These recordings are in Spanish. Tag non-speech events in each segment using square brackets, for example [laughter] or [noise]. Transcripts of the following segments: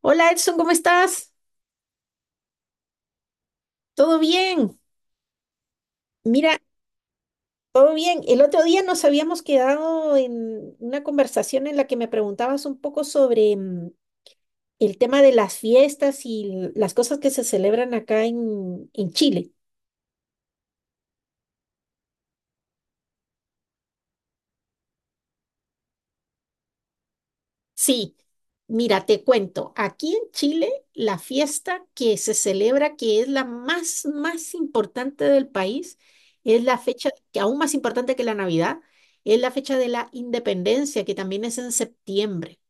Hola Edson, ¿cómo estás? ¿Todo bien? Mira, todo bien. El otro día nos habíamos quedado en una conversación en la que me preguntabas un poco sobre el tema de las fiestas y las cosas que se celebran acá en Chile. Sí, mira, te cuento. Aquí en Chile, la fiesta que se celebra, que es la más, más importante del país, es la fecha, que aún más importante que la Navidad, es la fecha de la independencia, que también es en septiembre.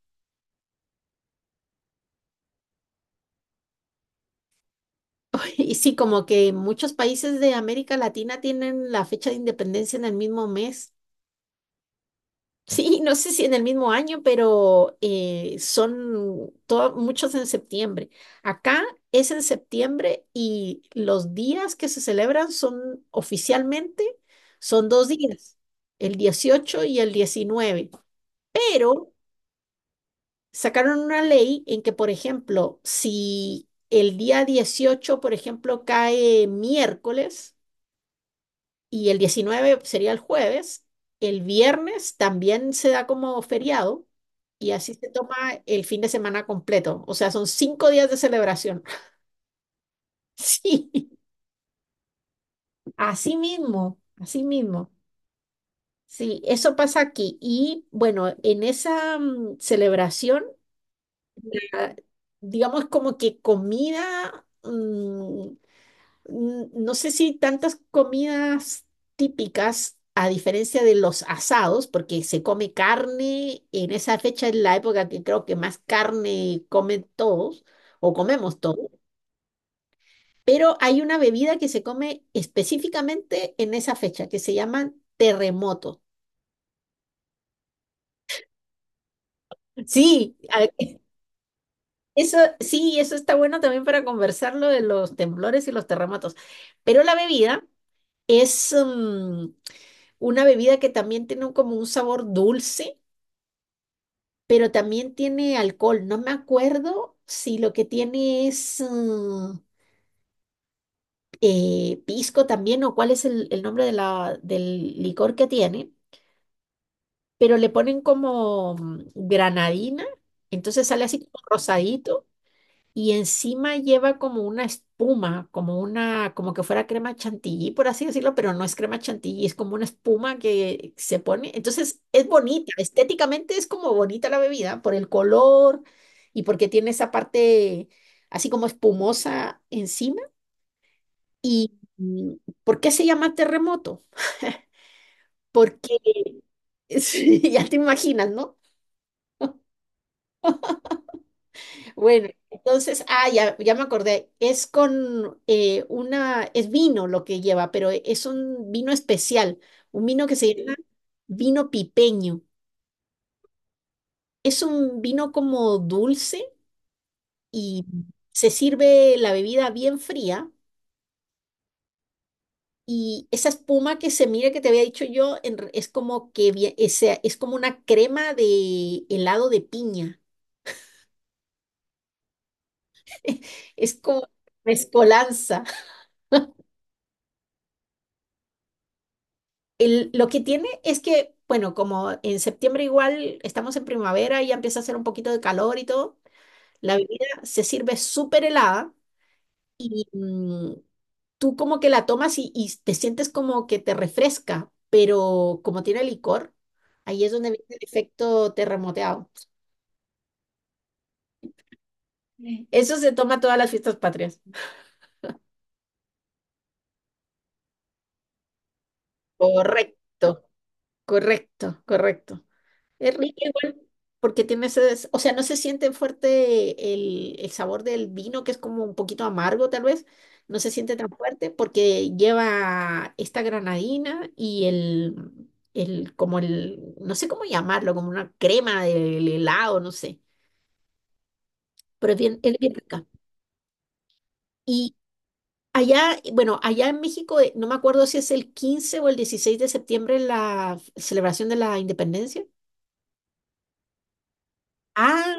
Y sí, como que muchos países de América Latina tienen la fecha de independencia en el mismo mes. Sí, no sé si en el mismo año, pero son muchos en septiembre. Acá es en septiembre y los días que se celebran son oficialmente, son 2 días, el 18 y el 19. Pero sacaron una ley en que, por ejemplo, si el día 18, por ejemplo, cae miércoles, y el 19 sería el jueves. El viernes también se da como feriado y así se toma el fin de semana completo. O sea, son 5 días de celebración. [laughs] Sí, así mismo, así mismo. Sí, eso pasa aquí. Y bueno, en esa celebración, ah, digamos como que comida, no sé si tantas comidas típicas, a diferencia de los asados, porque se come carne en esa fecha, es la época que creo que más carne comen todos o comemos todos, pero hay una bebida que se come específicamente en esa fecha que se llaman terremotos. Sí, eso sí, eso está bueno también para conversarlo de los temblores y los terremotos, pero la bebida es una bebida que también tiene como un sabor dulce, pero también tiene alcohol. No me acuerdo si lo que tiene es pisco también o cuál es el nombre de la, del licor que tiene, pero le ponen como granadina, entonces sale así como rosadito y encima lleva como una espuma, como que fuera crema chantilly, por así decirlo, pero no es crema chantilly, es como una espuma que se pone. Entonces es bonita, estéticamente es como bonita la bebida por el color y porque tiene esa parte así como espumosa encima. ¿Y por qué se llama terremoto? Porque [laughs] sí, ya te imaginas, ¿no? Bueno, entonces, ya me acordé, es con es vino lo que lleva, pero es un vino especial, un vino que se llama vino pipeño. Es un vino como dulce y se sirve la bebida bien fría y esa espuma que se mira que te había dicho yo es es como una crema de helado de piña, [laughs] es como mezcolanza. Lo que tiene es que, bueno, como en septiembre igual estamos en primavera y ya empieza a hacer un poquito de calor y todo, la bebida se sirve súper helada y tú como que la tomas y te sientes como que te refresca, pero como tiene licor, ahí es donde viene el efecto terremoteado. Eso se toma todas las fiestas patrias. Correcto, correcto, correcto. Es rico igual porque tiene o sea, no se siente fuerte el sabor del vino, que es como un poquito amargo tal vez, no se siente tan fuerte porque lleva esta granadina y el como el, no sé cómo llamarlo, como una crema del helado, no sé, pero es bien rica. Y allá, bueno, allá en México, no me acuerdo si es el 15 o el 16 de septiembre la celebración de la independencia. Ah,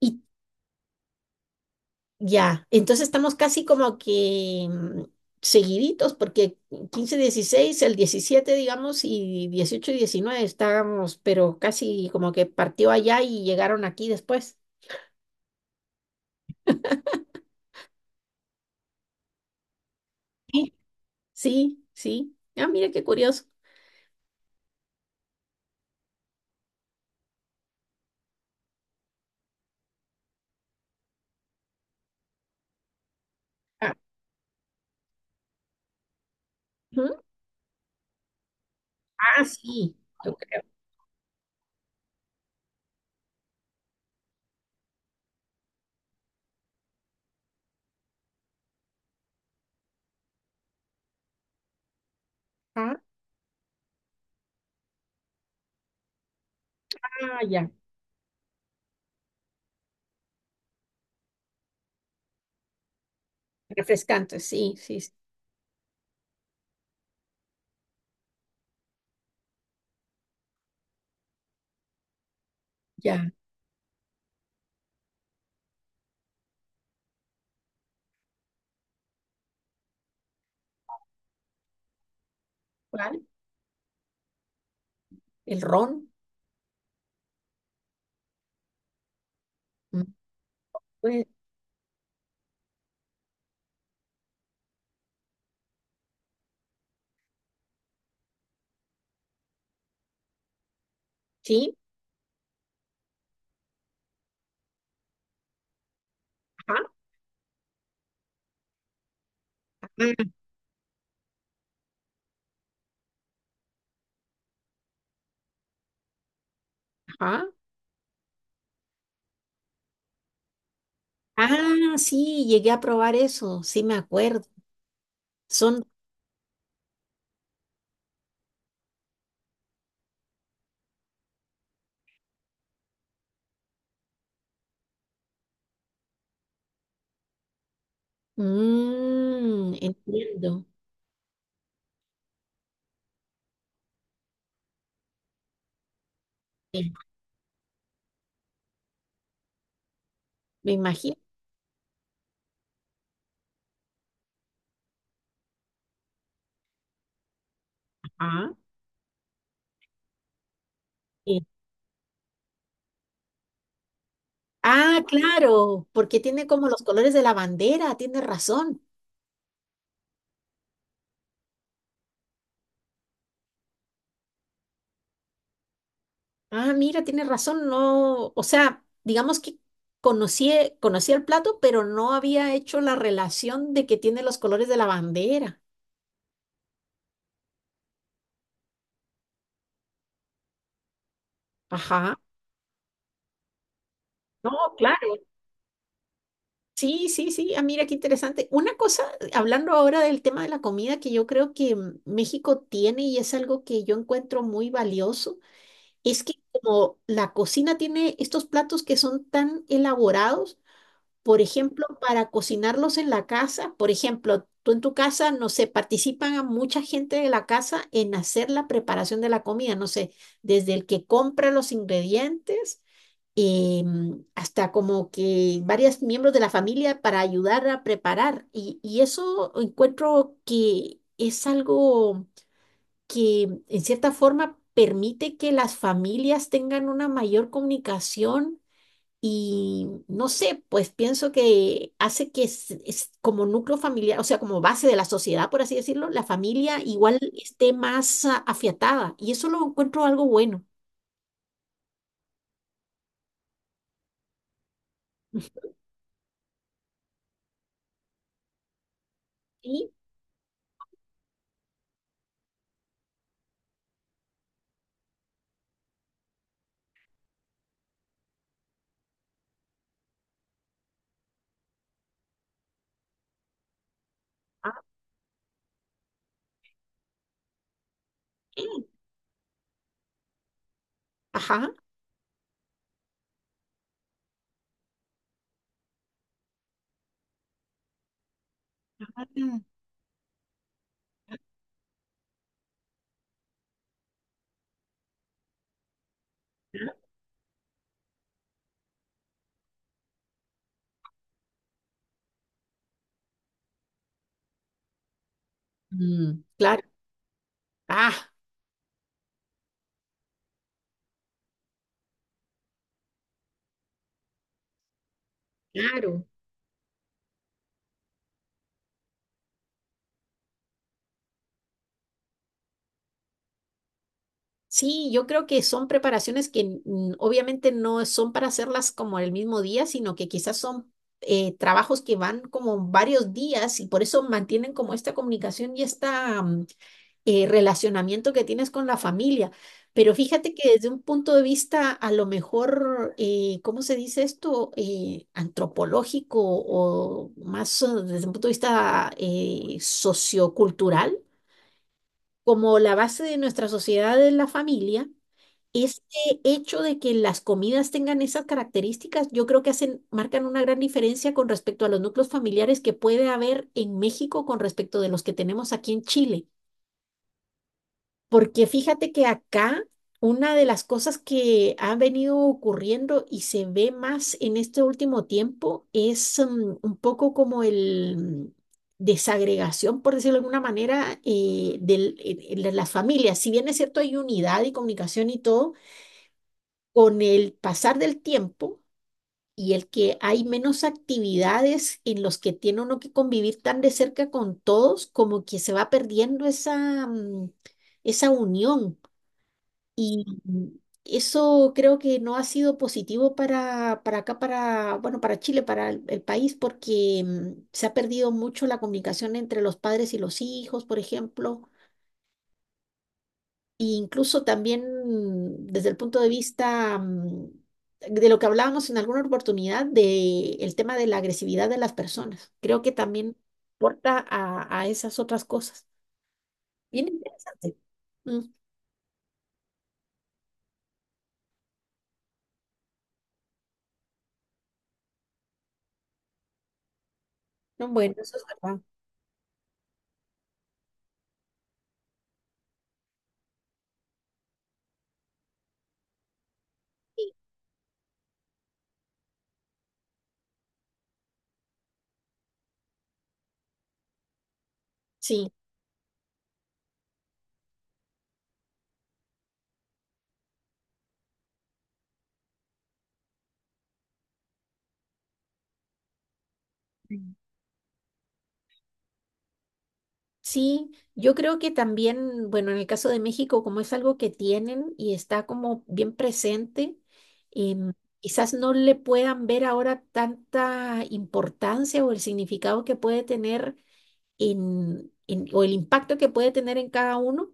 ¿y ya, entonces estamos casi como que seguiditos, porque 15, 16, el 17, digamos, y 18 y 19 estábamos, pero casi como que partió allá y llegaron aquí después. Sí, sí, sí. Ah, mira qué curioso. Ah, ujú. Ah, sí, yo creo. Ah, ah, ya. Refrescante, sí, sí, sí. Ya. ¿Cuál? El ron. Mm. Pues, sí. Ajá, ajá. Ajá. Ah, sí, llegué a probar eso, sí me acuerdo. Son Mm, entiendo. Sí. Me imagino. Ajá. Sí. Ah, claro, porque tiene como los colores de la bandera, tiene razón. Ah, mira, tiene razón, no, o sea, digamos que conocí, conocí el plato, pero no había hecho la relación de que tiene los colores de la bandera. Ajá. No, claro. Sí, sí, sí. Ah, mira, qué interesante. Una cosa, hablando ahora del tema de la comida, que yo creo que México tiene y es algo que yo encuentro muy valioso. Es que como la cocina tiene estos platos que son tan elaborados, por ejemplo, para cocinarlos en la casa, por ejemplo, tú en tu casa, no sé, participan a mucha gente de la casa en hacer la preparación de la comida, no sé, desde el que compra los ingredientes hasta como que varios miembros de la familia para ayudar a preparar. Y eso encuentro que es algo que en cierta forma permite que las familias tengan una mayor comunicación y no sé, pues pienso que hace que es como núcleo familiar, o sea, como base de la sociedad, por así decirlo, la familia igual esté más afiatada y eso lo encuentro algo bueno. Sí. Ah, bien. Ajá. Mm. Claro. Ah, claro. Sí, yo creo que son preparaciones que obviamente no son para hacerlas como el mismo día, sino que quizás son trabajos que van como varios días y por eso mantienen como esta comunicación y este relacionamiento que tienes con la familia. Pero fíjate que desde un punto de vista a lo mejor, ¿cómo se dice esto? Antropológico o más desde un punto de vista sociocultural, como la base de nuestra sociedad es la familia. Este hecho de que las comidas tengan esas características, yo creo que hacen, marcan una gran diferencia con respecto a los núcleos familiares que puede haber en México con respecto de los que tenemos aquí en Chile. Porque fíjate que acá una de las cosas que ha venido ocurriendo y se ve más en este último tiempo es un poco como el mm, desagregación, por decirlo de alguna manera, de las familias. Si bien es cierto, hay unidad y comunicación y todo con el pasar del tiempo y el que hay menos actividades en los que tiene uno que convivir tan de cerca con todos, como que se va perdiendo esa unión. Y eso creo que no ha sido positivo para acá, bueno, para Chile, para el país, porque se ha perdido mucho la comunicación entre los padres y los hijos, por ejemplo. Y incluso también desde el punto de vista de lo que hablábamos en alguna oportunidad, de el tema de la agresividad de las personas. Creo que también aporta a esas otras cosas. Bien interesante. Mm. No, bueno, eso es verdad. Sí. Mm. Sí, yo creo que también, bueno, en el caso de México, como es algo que tienen y está como bien presente, em, quizás no le puedan ver ahora tanta importancia o el significado que puede tener o el impacto que puede tener en cada uno,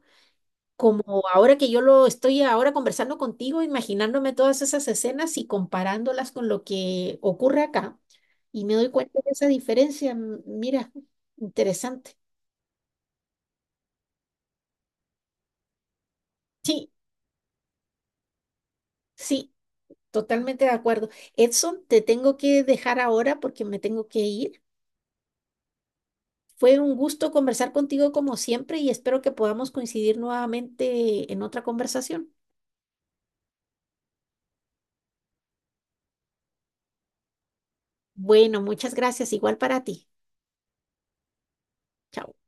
como ahora que yo lo estoy ahora conversando contigo, imaginándome todas esas escenas y comparándolas con lo que ocurre acá, y me doy cuenta de esa diferencia, mira, interesante. Sí, sí, totalmente de acuerdo. Edson, te tengo que dejar ahora porque me tengo que ir. Fue un gusto conversar contigo como siempre y espero que podamos coincidir nuevamente en otra conversación. Bueno, muchas gracias, igual para ti. Chao.